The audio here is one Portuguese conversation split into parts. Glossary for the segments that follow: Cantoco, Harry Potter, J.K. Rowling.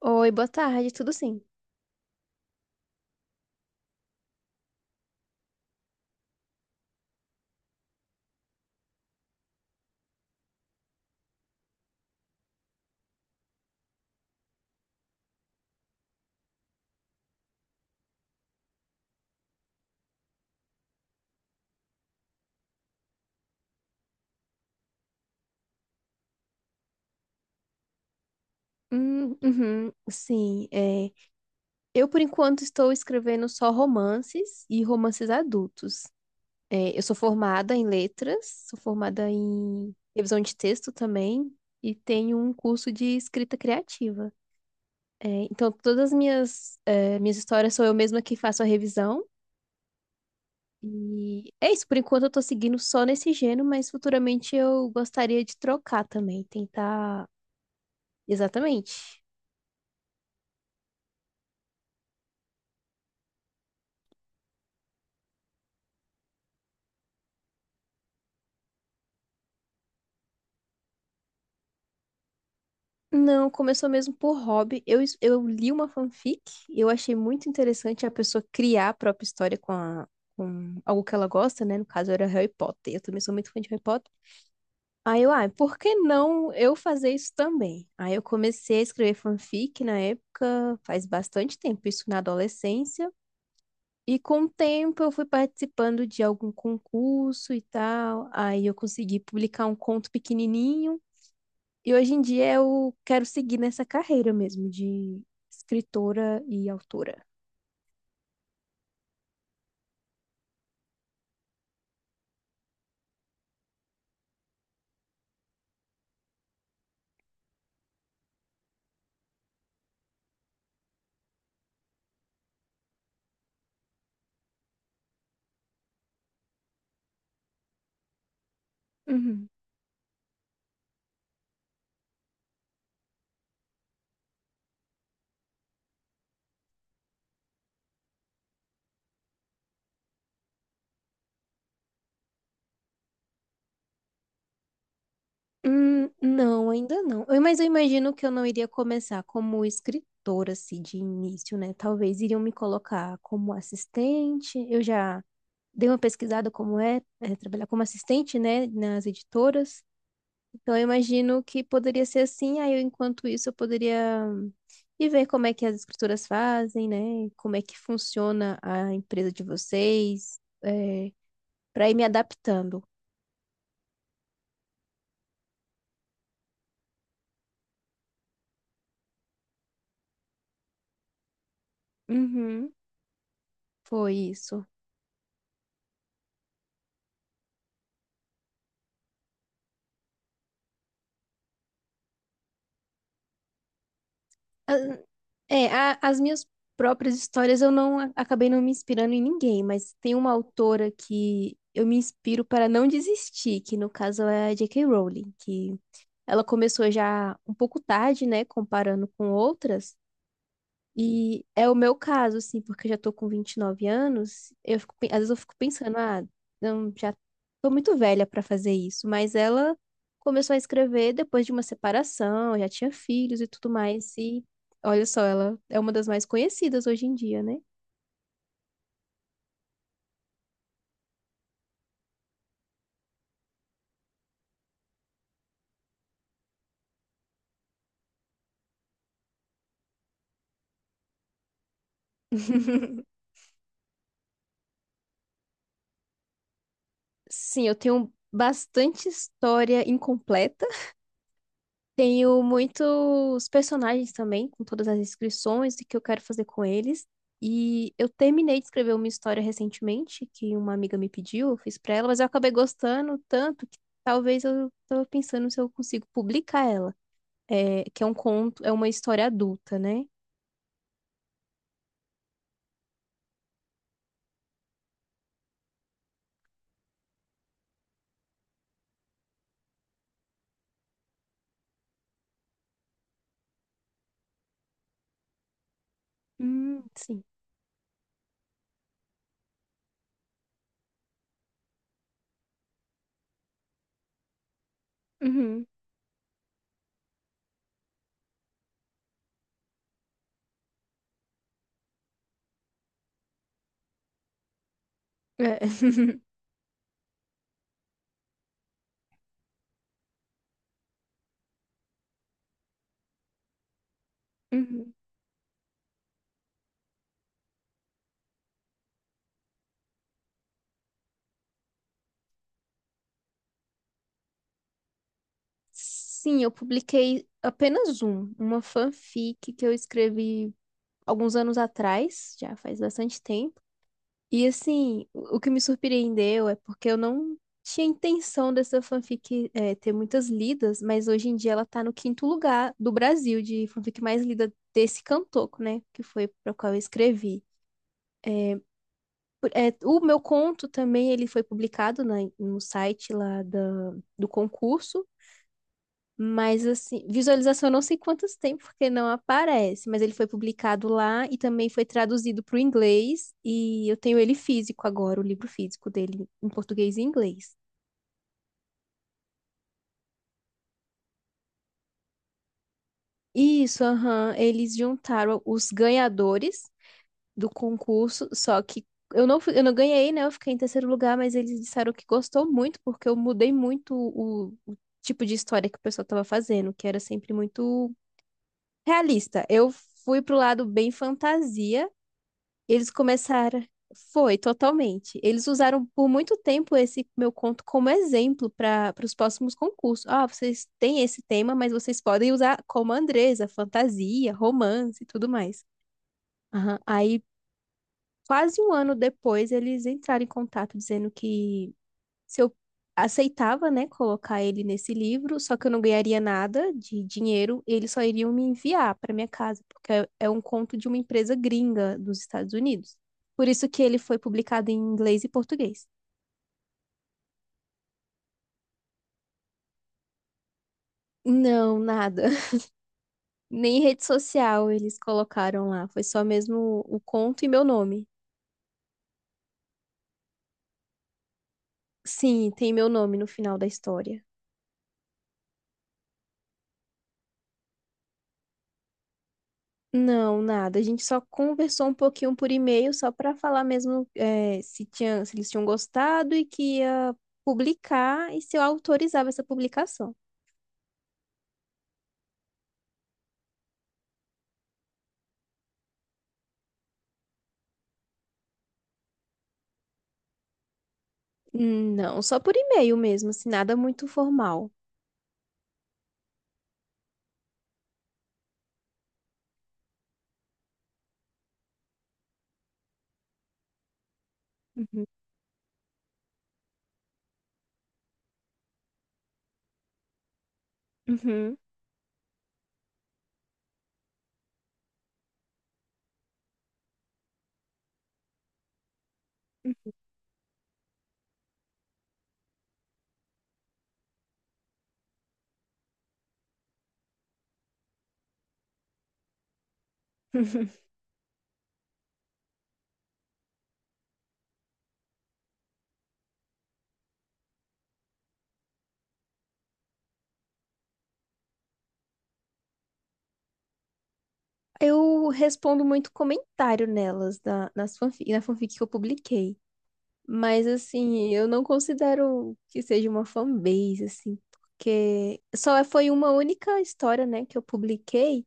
Oi, boa tarde, tudo sim? Uhum, sim, é, eu por enquanto estou escrevendo só romances e romances adultos. É, eu sou formada em letras, sou formada em revisão de texto também e tenho um curso de escrita criativa. É, então, todas as minhas histórias sou eu mesma que faço a revisão. E é isso, por enquanto eu tô seguindo só nesse gênero, mas futuramente eu gostaria de trocar também, tentar. Exatamente. Não, começou mesmo por hobby. Eu li uma fanfic e eu achei muito interessante a pessoa criar a própria história com algo que ela gosta, né? No caso, era Harry Potter. Eu também sou muito fã de Harry Potter. Aí eu, ah, por que não eu fazer isso também? Aí eu comecei a escrever fanfic na época, faz bastante tempo, isso na adolescência. E com o tempo eu fui participando de algum concurso e tal. Aí eu consegui publicar um conto pequenininho. E hoje em dia eu quero seguir nessa carreira mesmo de escritora e autora. Uhum. Não, ainda não. Mas eu imagino que eu não iria começar como escritora, assim, de início, né? Talvez iriam me colocar como assistente. Eu já dei uma pesquisada como é trabalhar como assistente, né, nas editoras. Então, eu imagino que poderia ser assim, aí eu, enquanto isso eu poderia ir ver como é que as escrituras fazem, né? Como é que funciona a empresa de vocês, é, para ir me adaptando. Uhum, foi isso. Ah, é, as minhas próprias histórias eu não acabei não me inspirando em ninguém, mas tem uma autora que eu me inspiro para não desistir, que no caso é a J.K. Rowling, que ela começou já um pouco tarde, né? Comparando com outras. E é o meu caso, assim, porque eu já tô com 29 anos, eu às vezes eu fico pensando, ah, não, já tô muito velha pra fazer isso, mas ela começou a escrever depois de uma separação, já tinha filhos e tudo mais, e olha só, ela é uma das mais conhecidas hoje em dia, né? Sim, eu tenho bastante história incompleta. Tenho muitos personagens também, com todas as inscrições e que eu quero fazer com eles. E eu terminei de escrever uma história recentemente, que uma amiga me pediu, eu fiz pra ela, mas eu acabei gostando tanto que talvez eu tava pensando se eu consigo publicar ela. É, que é um conto, é uma história adulta, né? Sim. Uhum. É. Uhum. Sim, eu publiquei apenas um, uma fanfic que eu escrevi alguns anos atrás, já faz bastante tempo. E assim, o que me surpreendeu é porque eu não tinha intenção dessa fanfic ter muitas lidas, mas hoje em dia ela tá no quinto lugar do Brasil de fanfic mais lida desse Cantoco né? Que foi para qual eu escrevi. É, o meu conto também ele foi publicado no site lá do concurso. Mas assim, visualização eu não sei quantos tem, porque não aparece, mas ele foi publicado lá e também foi traduzido para o inglês, e eu tenho ele físico agora, o livro físico dele em português e inglês. Isso, aham, eles juntaram os ganhadores do concurso, só que eu não ganhei, né? Eu fiquei em terceiro lugar, mas eles disseram que gostou muito, porque eu mudei muito o tipo de história que o pessoal estava fazendo, que era sempre muito realista. Eu fui pro lado bem fantasia. Eles começaram. Foi, totalmente. Eles usaram por muito tempo esse meu conto como exemplo para os próximos concursos. Ah, vocês têm esse tema, mas vocês podem usar como Andresa, fantasia, romance e tudo mais. Aham. Aí, quase um ano depois, eles entraram em contato dizendo que se eu aceitava, né, colocar ele nesse livro, só que eu não ganharia nada de dinheiro, eles só iriam me enviar para minha casa, porque é um conto de uma empresa gringa dos Estados Unidos. Por isso que ele foi publicado em inglês e português. Não, nada. Nem rede social eles colocaram lá, foi só mesmo o conto e meu nome. Sim, tem meu nome no final da história. Não, nada. A gente só conversou um pouquinho por e-mail, só para falar mesmo se eles tinham gostado e que ia publicar e se eu autorizava essa publicação. Não, só por e-mail mesmo, assim, nada muito formal. Uhum. Uhum. Eu respondo muito comentário nelas, na fanfic que eu publiquei. Mas, assim, eu não considero que seja uma fanbase, assim, porque só foi uma única história, né, que eu publiquei.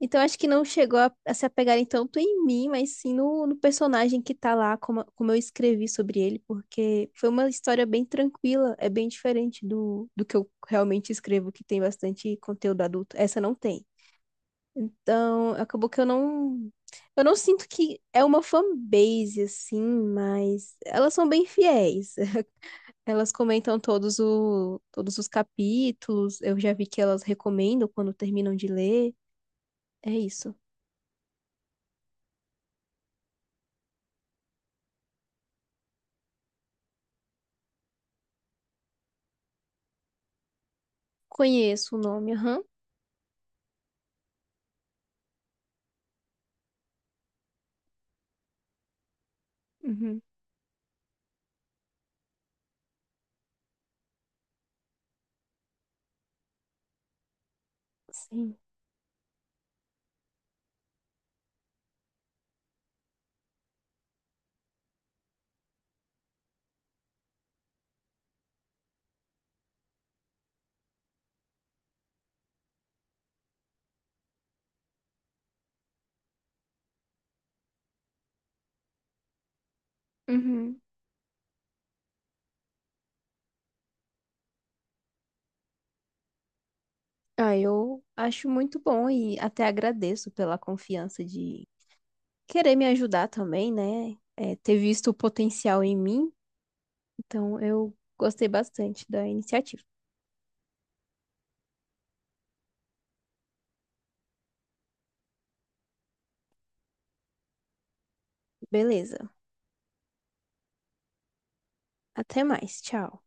Então acho que não chegou a se apegarem tanto em mim, mas sim no personagem que tá lá, como eu escrevi sobre ele, porque foi uma história bem tranquila, é bem diferente do que eu realmente escrevo, que tem bastante conteúdo adulto. Essa não tem. Então acabou que eu não. Eu não sinto que é uma fanbase, assim, mas elas são bem fiéis. Elas comentam todos os capítulos, eu já vi que elas recomendam quando terminam de ler. É isso. Conheço o nome, aham. Uhum. Sim. Uhum. Ah, eu acho muito bom e até agradeço pela confiança de querer me ajudar também, né? É, ter visto o potencial em mim. Então, eu gostei bastante da iniciativa. Beleza. Até mais. Tchau.